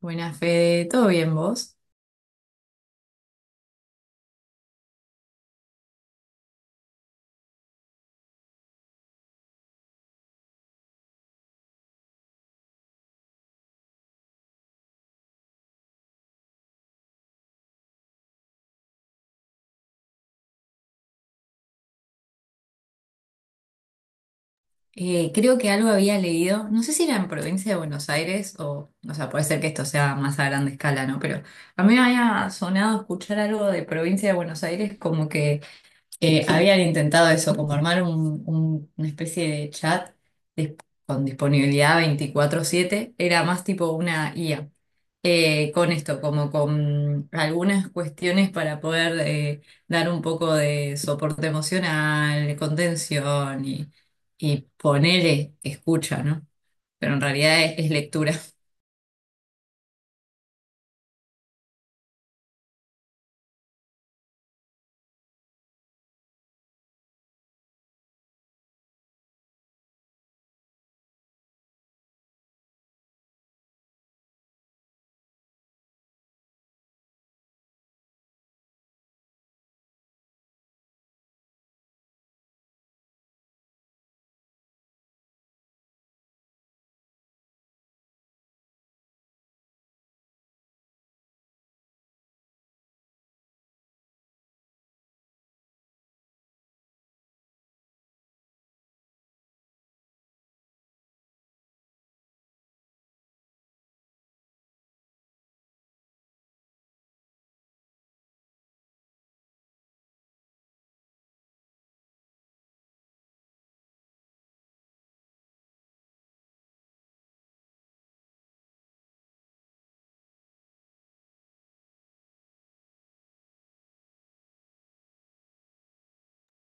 Buenas, Fede. ¿Todo bien vos? Creo que algo había leído, no sé si era en provincia de Buenos Aires o sea, puede ser que esto sea más a grande escala, ¿no? Pero a mí me había sonado escuchar algo de provincia de Buenos Aires como que habían intentado eso, como armar una especie de chat dis- con disponibilidad 24/7, era más tipo una IA. Con esto, como con algunas cuestiones para poder dar un poco de soporte emocional, contención y ponerle escucha, ¿no? Pero en realidad es lectura.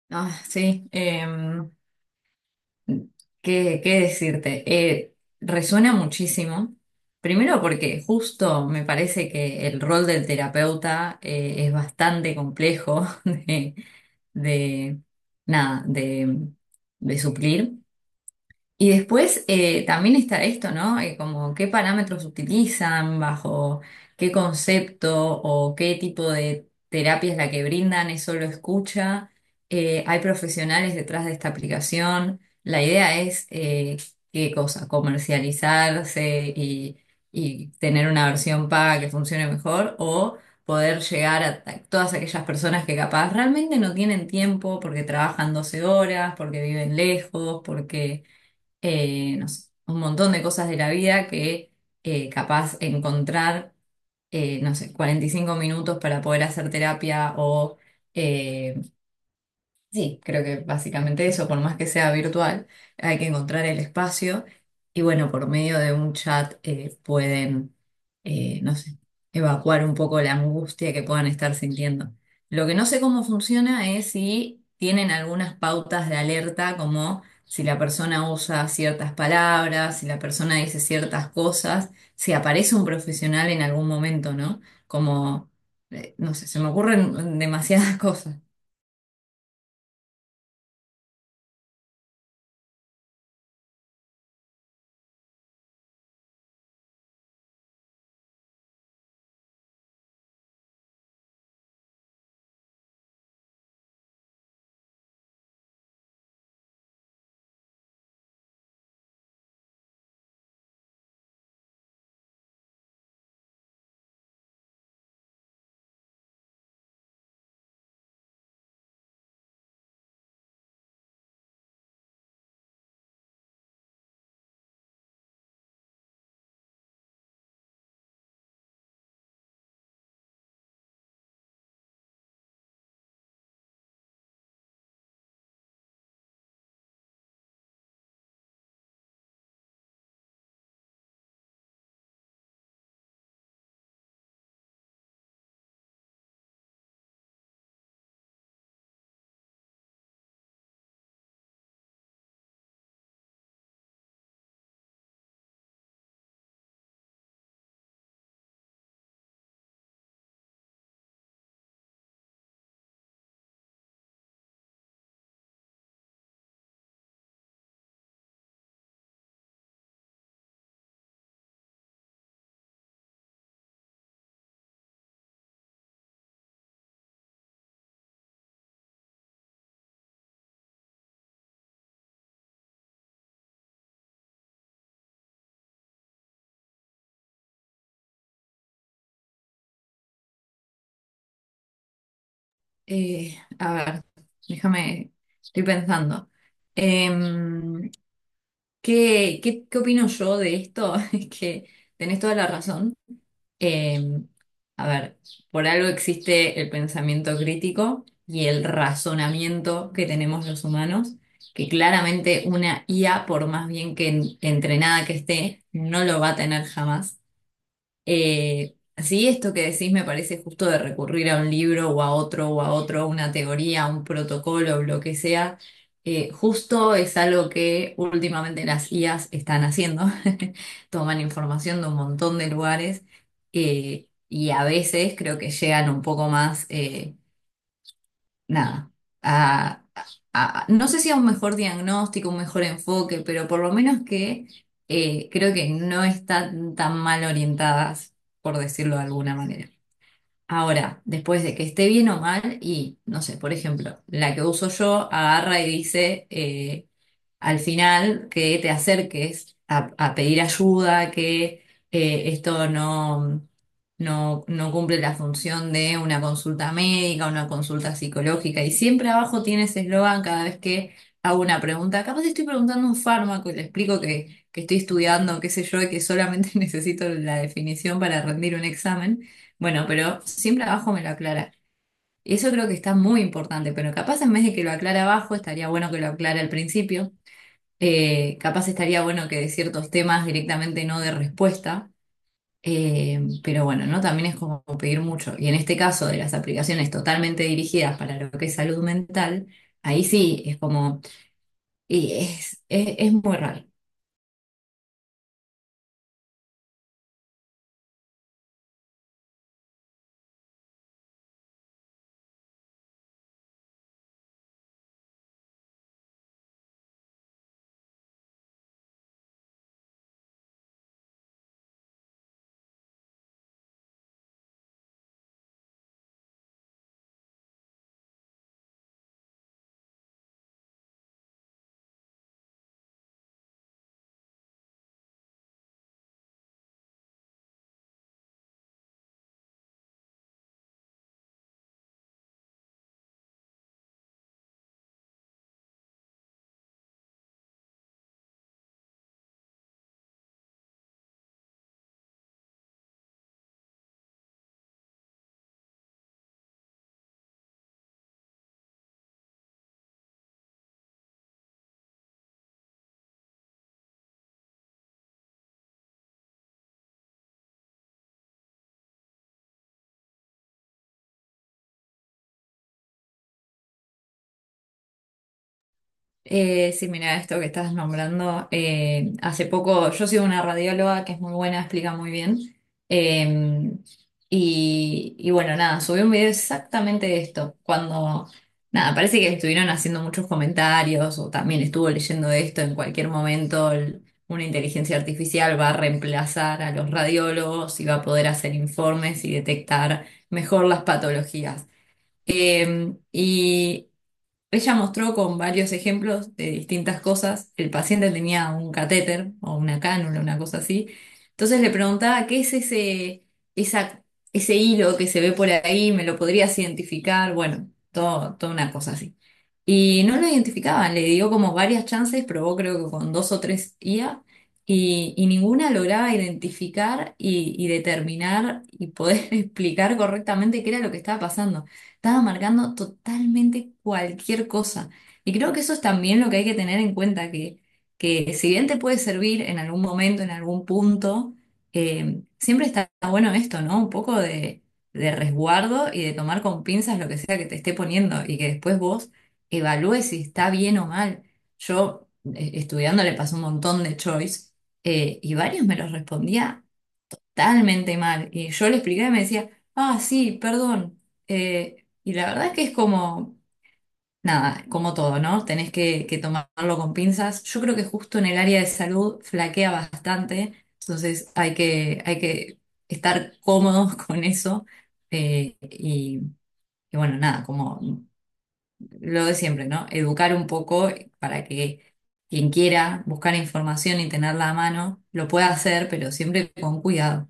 Ah, sí. ¿Qué decirte? Resuena muchísimo. Primero porque justo me parece que el rol del terapeuta es bastante complejo de- nada, de suplir. Y después también está esto, ¿no? Como qué parámetros utilizan, bajo qué concepto o qué tipo de terapia es la que brindan, es solo escucha. Hay profesionales detrás de esta aplicación. La idea es, ¿qué cosa? Comercializarse y tener una versión paga que funcione mejor o poder llegar a todas aquellas personas que capaz realmente no tienen tiempo porque trabajan 12 horas, porque viven lejos, porque no sé, un montón de cosas de la vida que capaz encontrar, no sé, 45 minutos para poder hacer terapia o eh, sí, creo que básicamente eso, por más que sea virtual, hay que encontrar el espacio y bueno, por medio de un chat pueden, no sé, evacuar un poco la angustia que puedan estar sintiendo. Lo que no sé cómo funciona es si tienen algunas pautas de alerta, como si la persona usa ciertas palabras, si la persona dice ciertas cosas, si aparece un profesional en algún momento, ¿no? Como, no sé, se me ocurren demasiadas cosas. A ver, déjame, estoy pensando. Em, ¿qué opino yo de esto? Es que tenés toda la razón. Em, a ver, por algo existe el pensamiento crítico y el razonamiento que tenemos los humanos, que claramente una IA, por más bien que entrenada que esté, no lo va a tener jamás. Sí, esto que decís me parece justo de recurrir a un libro o a otro, a una teoría, a un protocolo, lo que sea. Justo es algo que últimamente las IAs están haciendo. Toman información de un montón de lugares y a veces creo que llegan un poco más. Nada, a- no sé si a un mejor diagnóstico, un mejor enfoque, pero por lo menos que creo que no están tan mal orientadas, por decirlo de alguna manera. Ahora, después de que esté bien o mal, y no sé, por ejemplo, la que uso yo agarra y dice, al final que te acerques a pedir ayuda, que esto no cumple la función de una consulta médica, una consulta psicológica. Y siempre abajo tienes eslogan cada vez que hago una pregunta. Capaz estoy preguntando un fármaco y le explico que estoy estudiando, qué sé yo, y que solamente necesito la definición para rendir un examen. Bueno, pero siempre abajo me lo aclara. Y eso creo que está muy importante, pero capaz en vez de que lo aclara abajo, estaría bueno que lo aclara al principio, capaz estaría bueno que de ciertos temas directamente no de respuesta, pero bueno, ¿no? También es como pedir mucho. Y en este caso de las aplicaciones totalmente dirigidas para lo que es salud mental, ahí sí es como, y es muy raro. Sí, mira, esto que estás nombrando, hace poco yo sigo una radióloga que es muy buena, explica muy bien. eh, y bueno, nada, subí un video exactamente de esto, cuando, nada, parece que estuvieron haciendo muchos comentarios o también estuvo leyendo de esto, en cualquier momento una inteligencia artificial va a reemplazar a los radiólogos y va a poder hacer informes y detectar mejor las patologías. Y ella mostró con varios ejemplos de distintas cosas. El paciente tenía un catéter o una cánula, una cosa así. Entonces le preguntaba, ¿qué es esa, ese hilo que se ve por ahí? ¿Me lo podrías identificar? Bueno, todo, toda una cosa así. Y no lo identificaban, le dio como varias chances, probó creo que con dos o tres IA y ninguna lograba identificar y determinar y poder explicar correctamente qué era lo que estaba pasando. Estaba marcando totalmente cualquier cosa. Y creo que eso es también lo que hay que tener en cuenta, que si bien te puede servir en algún momento, en algún punto, siempre está bueno esto, ¿no? Un poco de resguardo y de tomar con pinzas lo que sea que te esté poniendo y que después vos evalúes si está bien o mal. Yo, estudiando, le pasé un montón de choice y varios me los respondía totalmente mal. Y yo le expliqué y me decía, ah, sí, perdón. Y la verdad es que es como, nada, como todo, ¿no? Tenés que tomarlo con pinzas. Yo creo que justo en el área de salud flaquea bastante, entonces hay que estar cómodos con eso. Eh, y, y bueno, nada, como lo de siempre, ¿no? Educar un poco para que quien quiera buscar información y tenerla a mano lo pueda hacer, pero siempre con cuidado.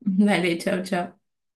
Dale, chau, chau.